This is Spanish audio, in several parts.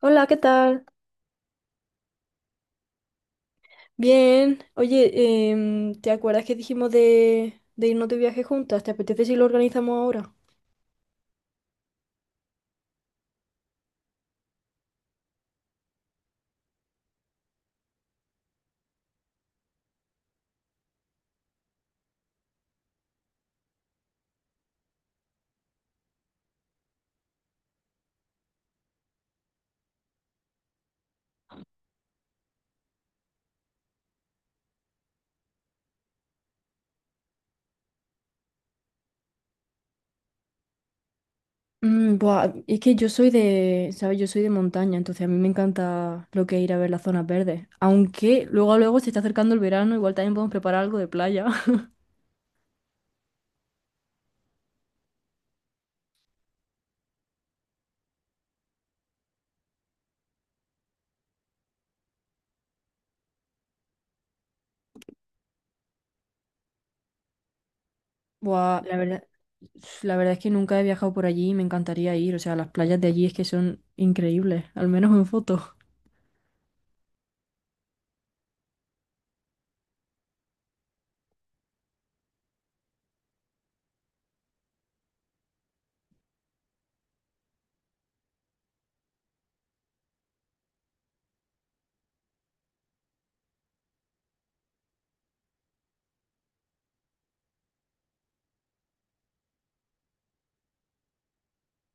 Hola, ¿qué tal? Bien. Oye, ¿te acuerdas que dijimos de irnos de viaje juntas? ¿Te apetece si lo organizamos ahora? Buah, es que yo soy de, ¿sabes? Yo soy de montaña, entonces a mí me encanta lo que es ir a ver las zonas verdes. Aunque luego a luego se está acercando el verano, igual también podemos preparar algo de playa. Buah, la verdad es que nunca he viajado por allí y me encantaría ir. O sea, las playas de allí es que son increíbles, al menos en fotos.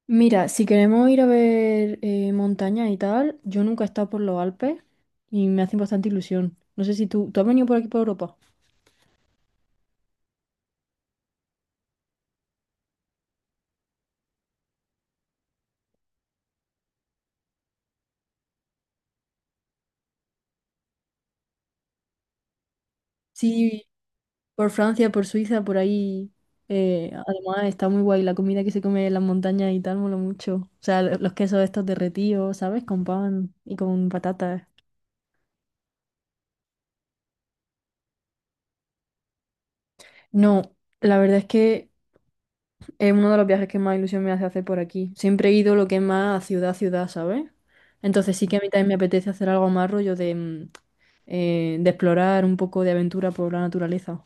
Mira, si queremos ir a ver montañas y tal, yo nunca he estado por los Alpes y me hacen bastante ilusión. No sé si tú, ¿tú has venido por aquí, por Europa? Sí, por Francia, por Suiza, por ahí. Además, está muy guay la comida que se come en las montañas y tal, mola mucho. O sea, los quesos estos derretidos, ¿sabes? Con pan y con patatas. No, la verdad es que es uno de los viajes que más ilusión me hace hacer por aquí. Siempre he ido lo que es más a ciudad, ciudad, ¿sabes? Entonces sí que a mí también me apetece hacer algo más rollo de, de explorar un poco de aventura por la naturaleza.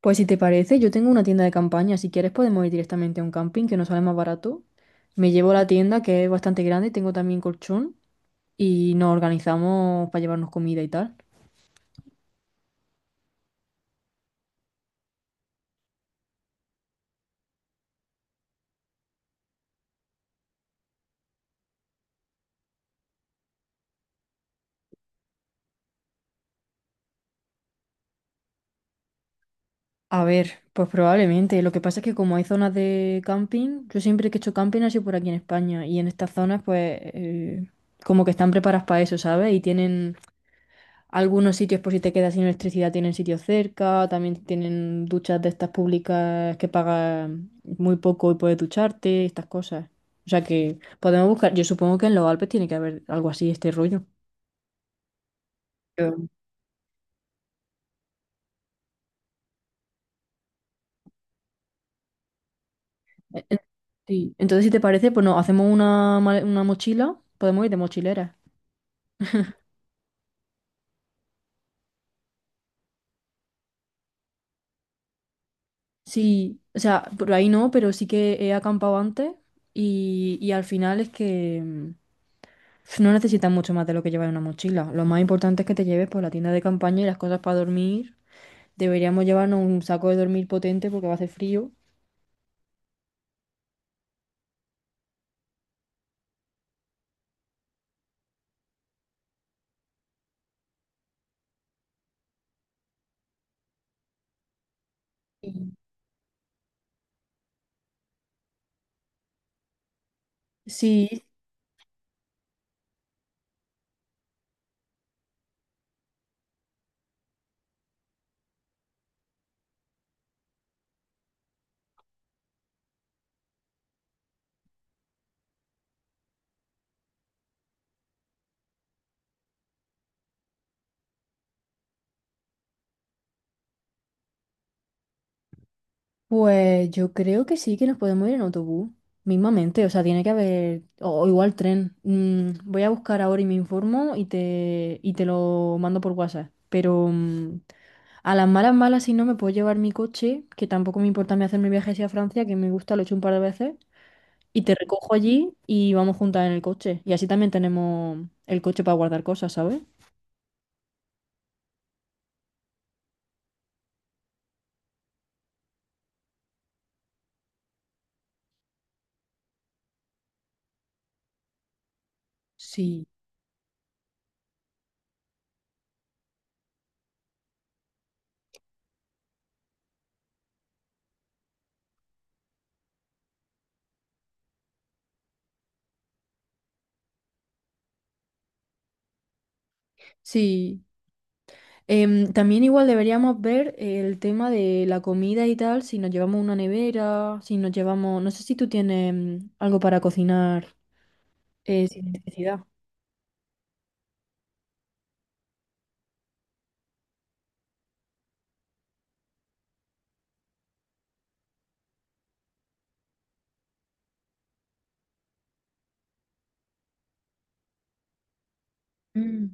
Pues si te parece, yo tengo una tienda de campaña. Si quieres podemos ir directamente a un camping que nos sale más barato. Me llevo la tienda que es bastante grande, tengo también colchón y nos organizamos para llevarnos comida y tal. A ver, pues probablemente. Lo que pasa es que como hay zonas de camping, yo siempre que he hecho camping ha sido por aquí en España y en estas zonas pues como que están preparadas para eso, ¿sabes? Y tienen algunos sitios por si te quedas sin electricidad, tienen sitios cerca, también tienen duchas de estas públicas que pagas muy poco y puedes ducharte, estas cosas. O sea que podemos buscar, yo supongo que en los Alpes tiene que haber algo así, este rollo. Pero- Eh, eh, Sí. Entonces, si te parece, pues nos hacemos una mochila, podemos ir de mochilera. Sí, o sea, por ahí no, pero sí que he acampado antes y al final es que no necesitas mucho más de lo que llevar en una mochila. Lo más importante es que te lleves por la tienda de campaña y las cosas para dormir. Deberíamos llevarnos un saco de dormir potente porque va a hacer frío. Sí, pues yo creo que sí, que nos podemos ir en autobús, mismamente, o sea, tiene que haber, o igual tren. Voy a buscar ahora y me informo y te lo mando por WhatsApp, pero a las malas, malas, si no, me puedo llevar mi coche, que tampoco me importa me hacerme mi viaje hacia Francia, que me gusta, lo he hecho un par de veces, y te recojo allí y vamos juntas en el coche. Y así también tenemos el coche para guardar cosas, ¿sabes? Sí, sí. También igual deberíamos ver el tema de la comida y tal, si nos llevamos una nevera, si nos llevamos, no sé si tú tienes algo para cocinar sin necesidad. Mm.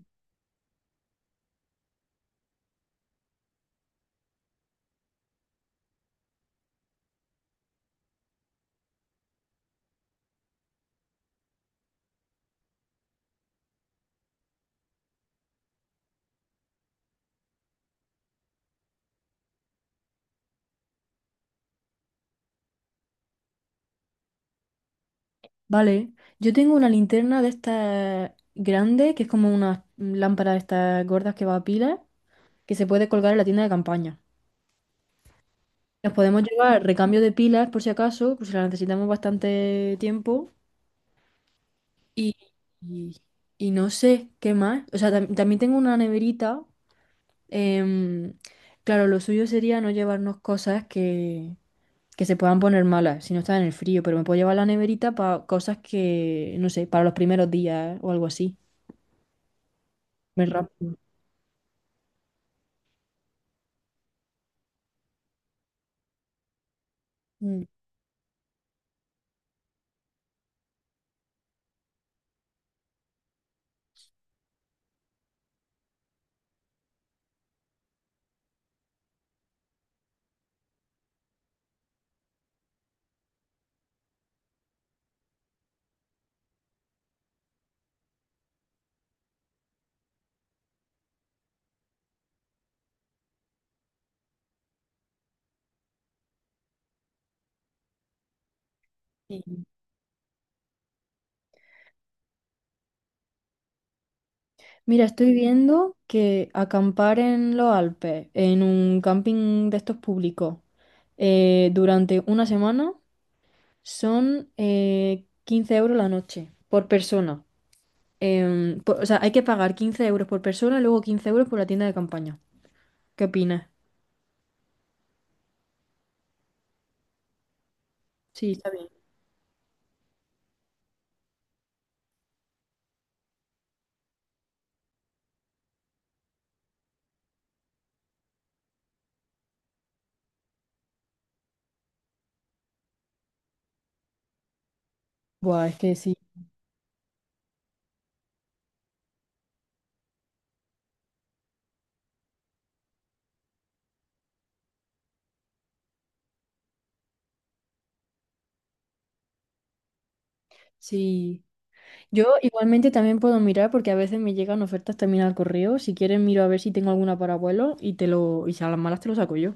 Vale, yo tengo una linterna de estas grande, que es como una lámpara de estas gordas que va a pilas, que se puede colgar en la tienda de campaña. Nos podemos llevar recambio de pilas por si acaso, por si las necesitamos bastante tiempo. Y, y- y no sé qué más. O sea, también tengo una neverita. em, claro, lo suyo sería no llevarnos cosas que se puedan poner malas si no está en el frío, pero me puedo llevar la neverita para cosas que, no sé, para los primeros días o algo así. Muy rápido. Mm. Sí. Mira, estoy viendo que acampar en los Alpes, en un camping de estos públicos, durante una semana son 15 euros la noche por persona. O sea, hay que pagar 15 euros por persona y luego 15 euros por la tienda de campaña. ¿Qué opinas? Sí, está bien. Buah, es que sí. Sí. Yo igualmente también puedo mirar porque a veces me llegan ofertas también al correo. Si quieres miro a ver si tengo alguna para vuelo y te lo, y si a las malas te lo saco yo.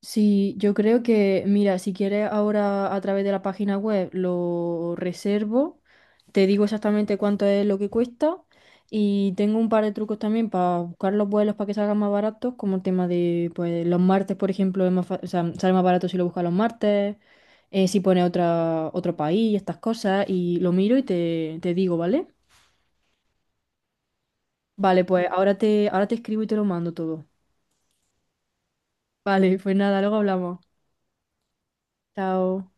Sí, yo creo que, mira, si quieres ahora a través de la página web lo reservo, te digo exactamente cuánto es lo que cuesta y tengo un par de trucos también para buscar los vuelos para que salgan más baratos, como el tema de, pues, los martes, por ejemplo, es más o sea, sale más barato si lo buscas los martes, si pone otra, otro país, estas cosas, y lo miro y te digo, ¿vale? Vale, pues ahora te escribo y te lo mando todo. Vale, pues nada, luego hablamos. Chao.